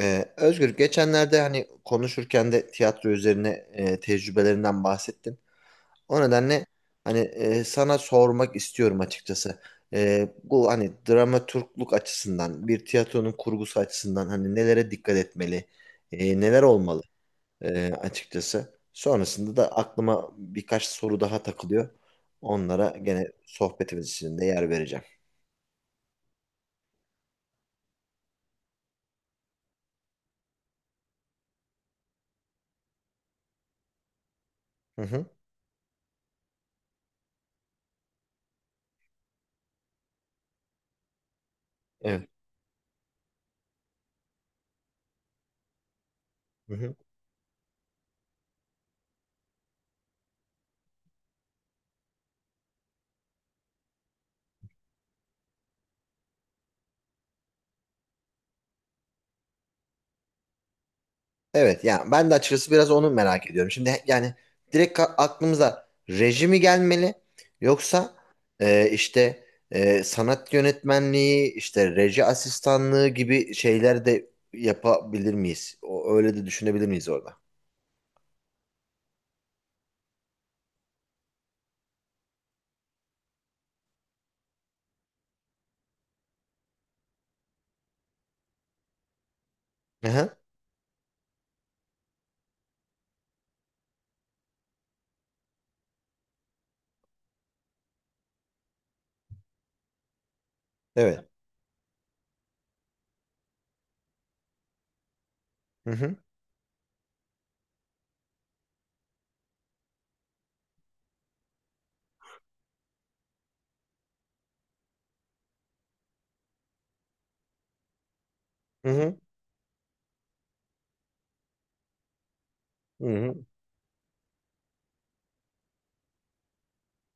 Özgür geçenlerde hani konuşurken de tiyatro üzerine tecrübelerinden bahsettin. O nedenle hani sana sormak istiyorum açıkçası. Bu hani dramaturgluk açısından, bir tiyatronun kurgusu açısından hani nelere dikkat etmeli, neler olmalı açıkçası. Sonrasında da aklıma birkaç soru daha takılıyor. Onlara gene sohbetimiz içinde yer vereceğim. Hı hı. Evet. Evet yani ben de açıkçası biraz onu merak ediyorum. Şimdi yani direkt aklımıza rejimi gelmeli yoksa işte sanat yönetmenliği, işte reji asistanlığı gibi şeyler de yapabilir miyiz? Öyle de düşünebilir miyiz orada? Hı hı. Evet. Hı hı. Hı hı. Hı hı.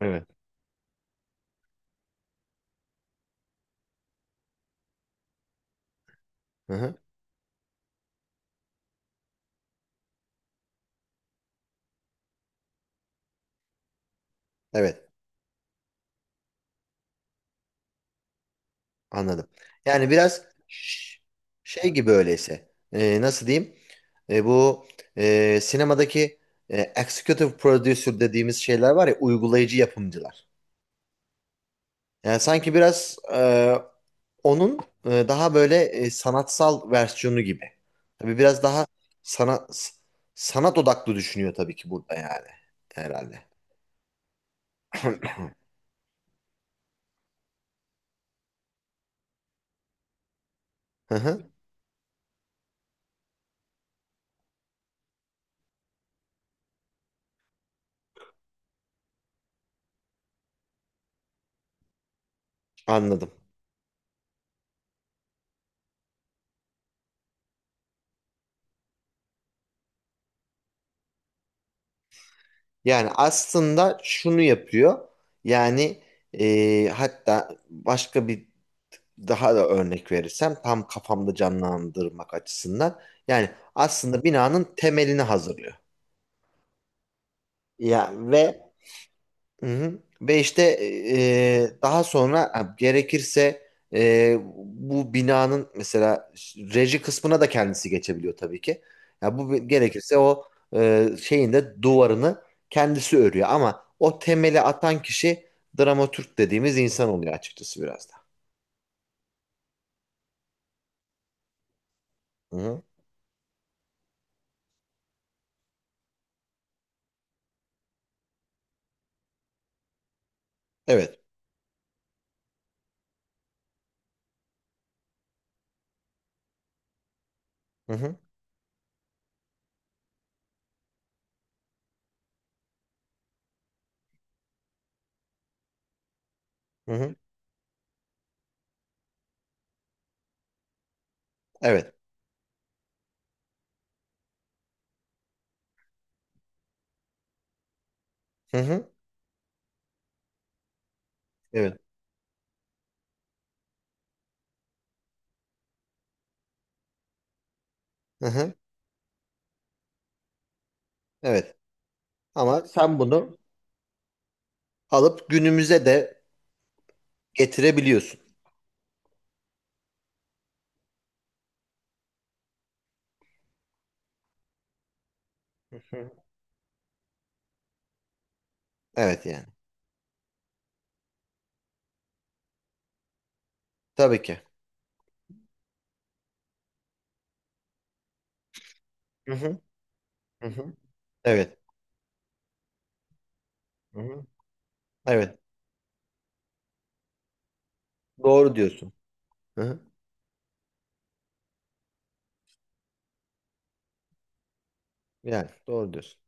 Evet. Hı hı. Evet. Anladım. Yani biraz ş- şey gibi öyleyse. Nasıl diyeyim? Bu sinemadaki executive producer dediğimiz şeyler var ya, uygulayıcı yapımcılar. Yani sanki biraz onun daha böyle sanatsal versiyonu gibi. Tabii biraz daha sanat sanat odaklı düşünüyor tabii ki burada yani herhalde. Hı hı. Anladım. Yani aslında şunu yapıyor. Yani hatta başka bir daha da örnek verirsem tam kafamda canlandırmak açısından. Yani aslında binanın temelini hazırlıyor. Ya ve Hı hı. Ve işte daha sonra ha, gerekirse bu binanın mesela reji kısmına da kendisi geçebiliyor tabii ki. Ya bu gerekirse o şeyin de duvarını kendisi örüyor ama o temeli atan kişi dramatürk dediğimiz insan oluyor açıkçası biraz da. Hı hı. Evet. Hı hı. Hı hı. Evet. Hı hı. Evet. Hı hı. Evet. Ama sen bunu alıp günümüze de getirebiliyorsun. Hı hı. Evet yani. Tabii ki. Hı hı. Hı hı. Evet. Hı hı. Evet. Doğru diyorsun. Hı hı. Yani doğru diyorsun.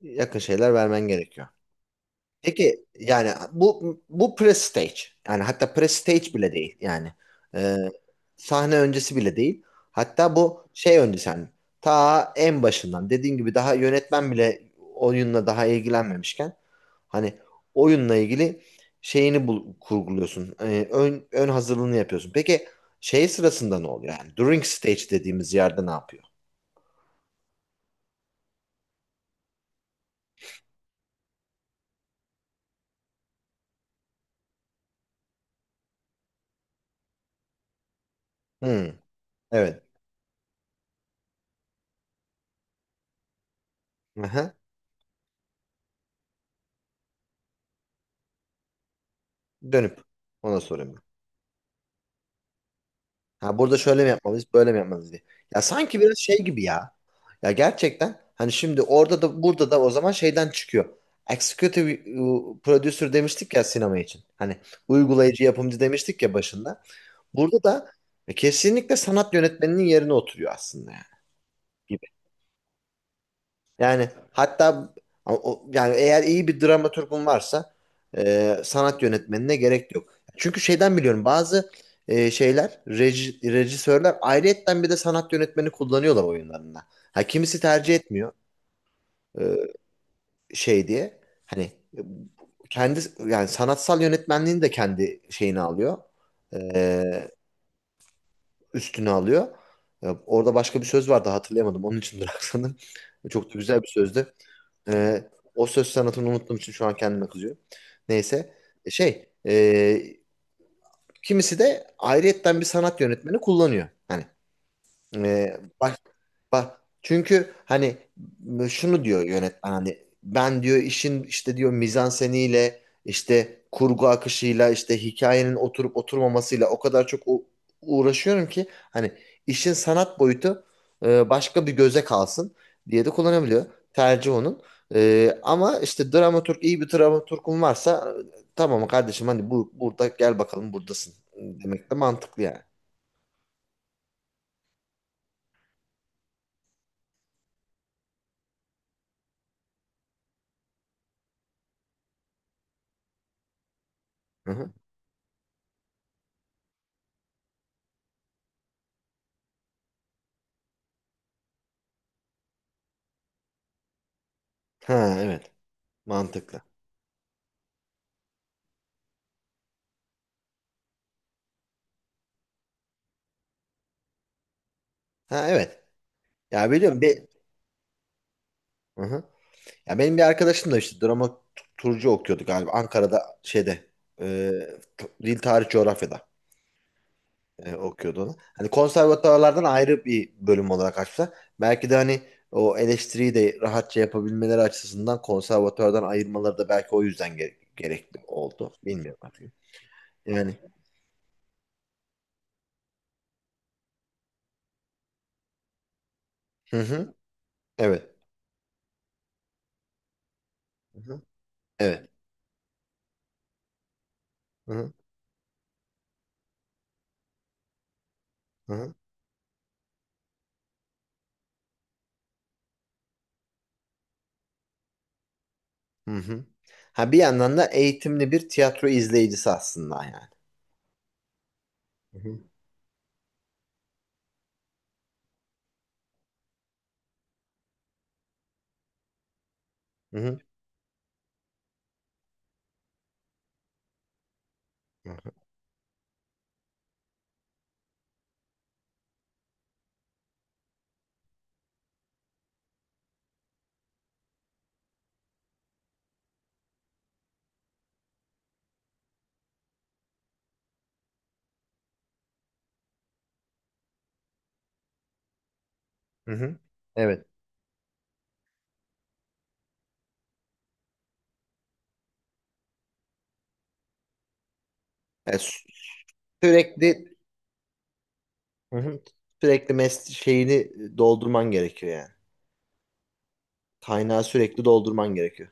Yakın şeyler vermen gerekiyor. Peki yani bu pre-stage, yani hatta pre-stage bile değil yani. Ee, Sahne öncesi bile değil, hatta bu şey öncesi yani ta en başından dediğin gibi daha yönetmen bile oyunla daha ilgilenmemişken hani oyunla ilgili şeyini kurguluyorsun. Ön hazırlığını yapıyorsun, peki şey sırasında ne oluyor, yani during stage dediğimiz yerde ne yapıyor? Hmm. Evet. Aha. Dönüp ona sorayım. Ha, burada şöyle mi yapmalıyız, böyle mi yapmalıyız diye. Ya sanki biraz şey gibi ya. Ya gerçekten hani şimdi orada da burada da o zaman şeyden çıkıyor. Executive producer demiştik ya sinema için. Hani uygulayıcı yapımcı demiştik ya başında. Burada da kesinlikle sanat yönetmeninin yerine oturuyor aslında yani. Yani hatta yani eğer iyi bir dramaturgun varsa sanat yönetmenine gerek yok. Çünkü şeyden biliyorum, bazı şeyler rejisörler ayrıyetten bir de sanat yönetmeni kullanıyorlar oyunlarında. Ha, kimisi tercih etmiyor e, şey diye. Hani e, kendi yani sanatsal yönetmenliğini de kendi şeyini alıyor. E, Üstüne alıyor. Orada başka bir söz vardı, hatırlayamadım. Onun için bıraksanım. Çok da güzel bir sözdü. Ee, O söz sanatını unuttuğum için şu an kendime kızıyorum. Neyse. Şey, kimisi de ayrıyetten bir sanat yönetmeni kullanıyor. Hani bak, bak çünkü hani şunu diyor yönetmen, hani ben diyor işin işte diyor mizanseniyle, işte kurgu akışıyla, işte hikayenin oturup oturmamasıyla o kadar çok uğraşıyorum ki hani işin sanat boyutu başka bir göze kalsın diye de kullanabiliyor. Tercih onun. Ama işte dramaturg, iyi bir dramaturgun varsa tamam kardeşim hani bu burada gel bakalım buradasın demek de mantıklı yani. Hı hı. Ha, evet, mantıklı. Ha, evet. Ya biliyorum. Hı hı. Ya benim bir arkadaşım da işte drama turcu okuyordu galiba. Ankara'da şeyde, e, dil tarih coğrafyada okuyordu onu. Hani konservatuvarlardan ayrı bir bölüm olarak açtılar. Belki de hani o eleştiriyi de rahatça yapabilmeleri açısından konservatuvardan ayırmaları da belki o yüzden gerekli oldu. Bilmiyorum artık. Yani. Hı hı. Evet. Hı hı. Evet. Hı hı. Hı hı. Hı hı. Ha, bir yandan da eğitimli bir tiyatro izleyicisi aslında yani. Hı hı. Hı hı. Hı hı. Evet. Yani sürekli, hı hı, sürekli şeyini doldurman gerekiyor yani. Kaynağı sürekli doldurman gerekiyor.